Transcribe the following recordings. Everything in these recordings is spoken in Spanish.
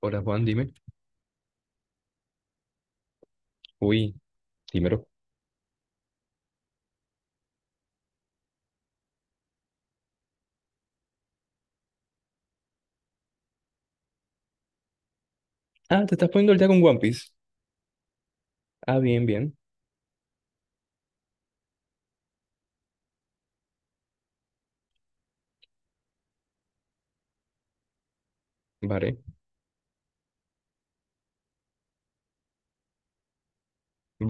Hola Juan, dime. Uy, dímelo. Ah, te estás poniendo el día con One Piece. Ah, bien, bien. Vale.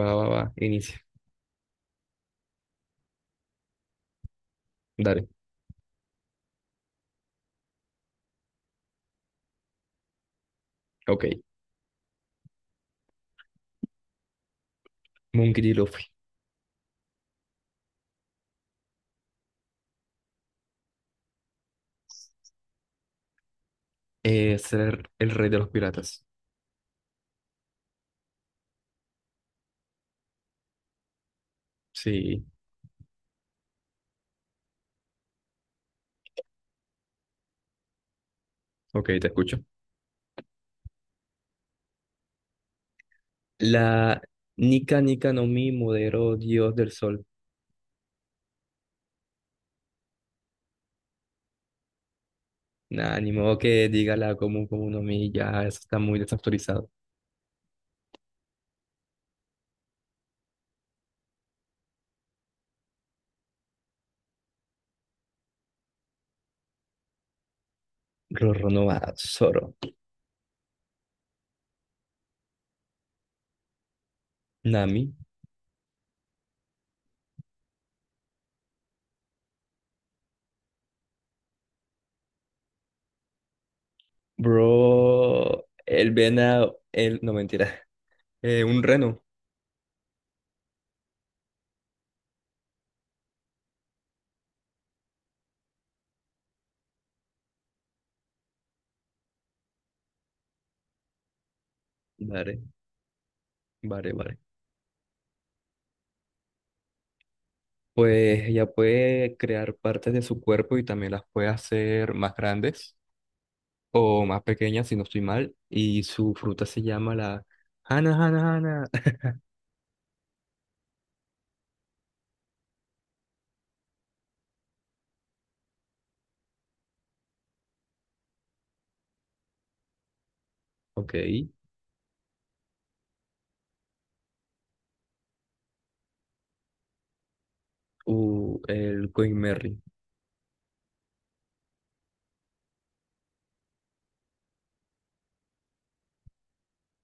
Va, va, va. Inicia. Dale. Ok. Monkey D. Luffy. Ser el rey de los piratas. Sí. Ok, te escucho. La Nika Nika no Mi Modero Dios del Sol. Nah, ni modo que diga la común común no Mi. Ya, eso está muy desactualizado. Roronoa Zoro. Nami. Bro. El venado. No, mentira. Un reno. Vale. Vale, vale. Pues ella puede crear partes de su cuerpo y también las puede hacer más grandes o más pequeñas, si no estoy mal. Y su fruta se llama la Hana Hana. Ok. El Queen Mary.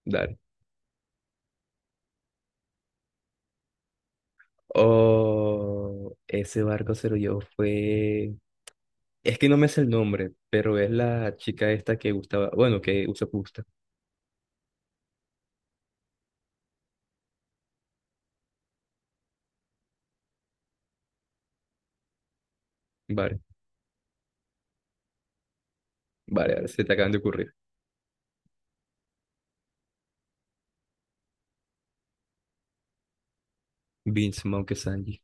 Dale. Oh, ese barco se lo llevó fue. Es que no me sé el nombre, pero es la chica esta que gustaba. Bueno, que usa pusta. Vale, vale, vale, se te acaban de ocurrir. Vince Monkey Sanji.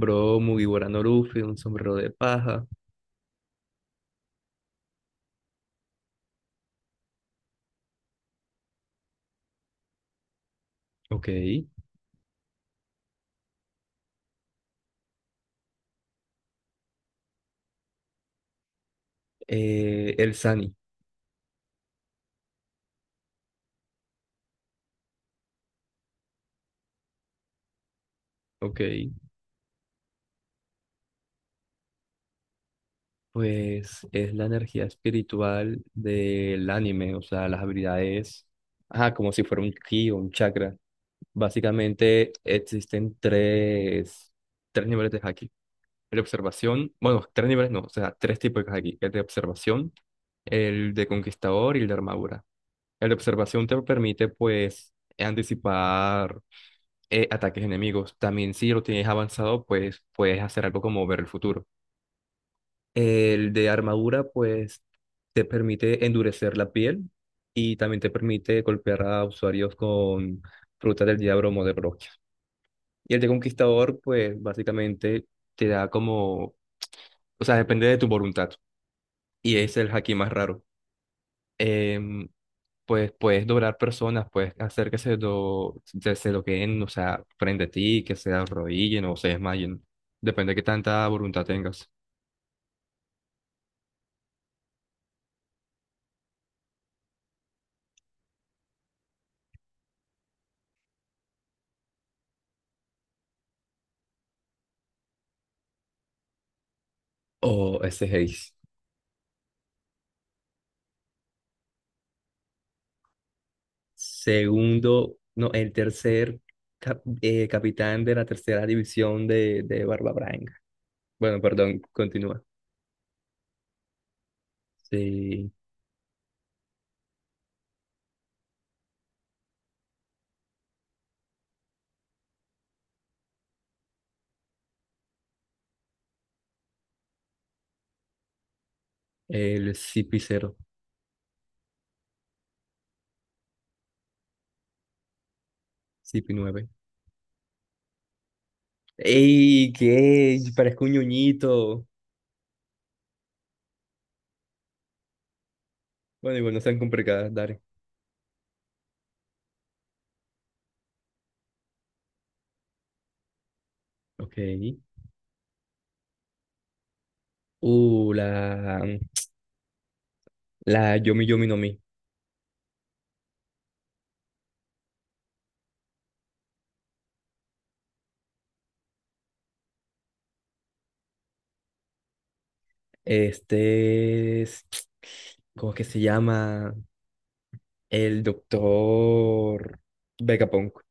Bro, Mugiwara no Luffy, un sombrero de paja. Ok. El Sani, ok, pues es la energía espiritual del anime, o sea, las habilidades, ajá, como si fuera un ki o un chakra. Básicamente existen tres niveles de haki. El de observación, bueno, tres niveles no, o sea, tres tipos de haki. El de observación, el de conquistador y el de armadura. El de observación te permite, pues, anticipar ataques enemigos. También si lo tienes avanzado, pues puedes hacer algo como ver el futuro. El de armadura, pues, te permite endurecer la piel y también te permite golpear a usuarios con frutas del diablo o de Broquia. Y el de conquistador, pues, básicamente te da como, o sea, depende de tu voluntad. Y es el haki más raro. Em, pues puedes doblar personas, puedes hacer que se, do, se se doqueen, o sea, frente a ti, que se arrodillen o se desmayen. Depende de qué tanta voluntad tengas. O ese Haze. Segundo, no, el tercer capitán de la tercera división de Barba Branca. Bueno, perdón, continúa. Sí, el CP0, CP9. ¡Ey! ¿Qué? Parezco un ñoñito. Bueno, igual no sean complicadas, dale. Ok. Uh, la, la Yomi Yomi no Mi. Este es, ¿cómo que se llama? El doctor Vegapunk.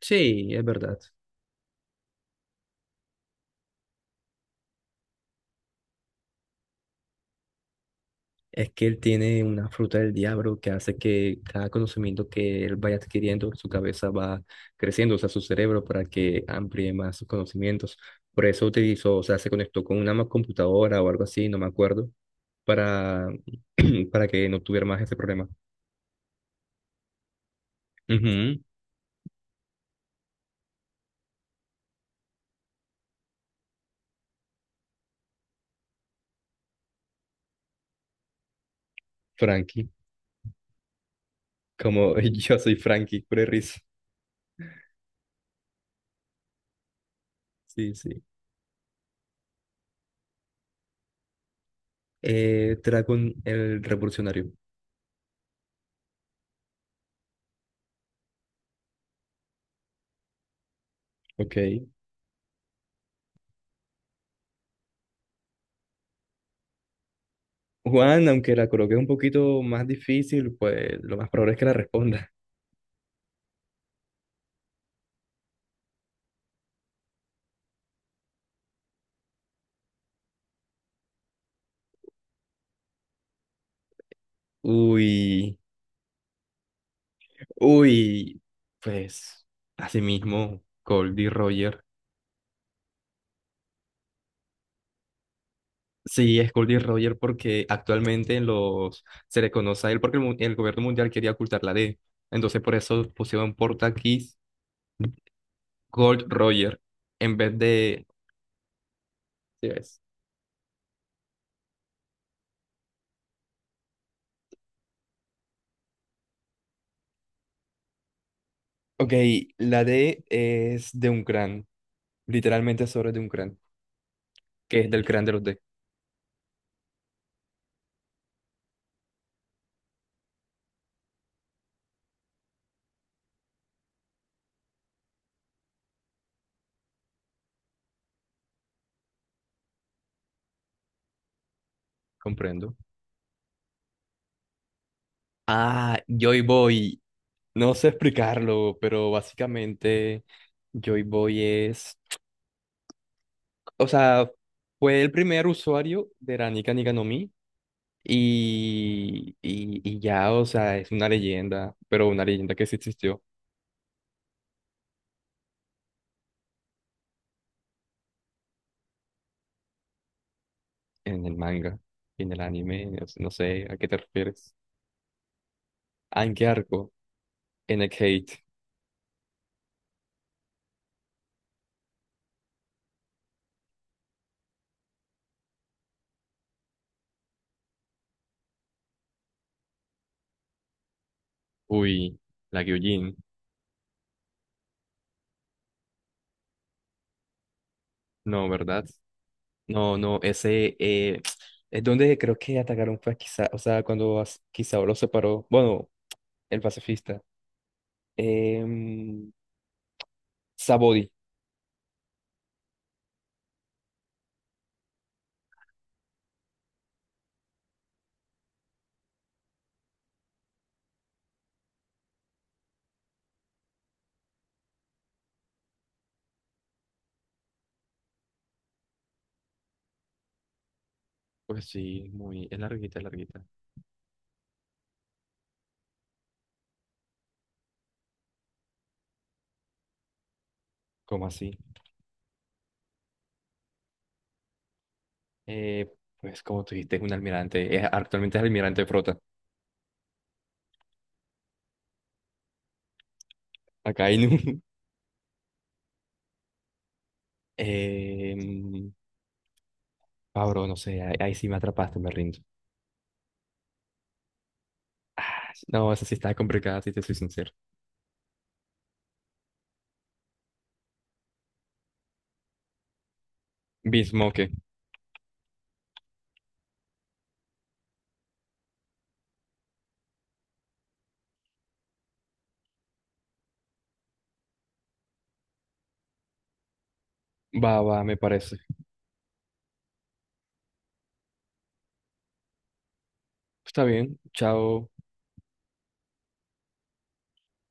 Sí, es verdad. Es que él tiene una fruta del diablo que hace que cada conocimiento que él vaya adquiriendo, su cabeza va creciendo, o sea, su cerebro para que amplíe más sus conocimientos. Por eso utilizó, o sea, se conectó con una computadora o algo así, no me acuerdo, para, para que no tuviera más ese problema. Ujú. Frankie, como yo soy Frankie, pura risa. Sí, sí. Dragon, el revolucionario. Ok. Juan, aunque la coloque un poquito más difícil, pues lo más probable es que la responda. Uy, uy, pues así mismo, Goldie Roger. Sí, es Goldie Roger porque actualmente en los se le conoce a él porque el gobierno mundial quería ocultar la D. Entonces por eso pusieron portaquis Gold Roger en vez de... ¿sí ves? Ok, la D es de un crán, literalmente sobre de un crán, que es del crán de los D, comprendo. Ah, Joy Boy. No sé explicarlo, pero básicamente Joy Boy es, o sea, fue el primer usuario de la Nika no Mi y ya, o sea, es una leyenda, pero una leyenda que sí existió en el manga, en el anime, o sea, no sé a qué te refieres. ¿Ah, en qué arco? En el Hate. Uy, la Gyojin. No, ¿verdad? No, no, ese es donde creo que atacaron fue quizá, o sea, cuando quizá lo separó, bueno, el pacifista. em, Sabodi. Pues sí, muy, es larguita, es larguita. ¿Cómo así? Eh, pues como tú dijiste, es un almirante, actualmente es almirante de flota. Acá hay un... em, Pablo, no sé, ahí, ahí sí me atrapaste, me rindo. No, esa sí está complicada, si te soy sincero. Bismoque. Va, va, me parece. Está bien, chao.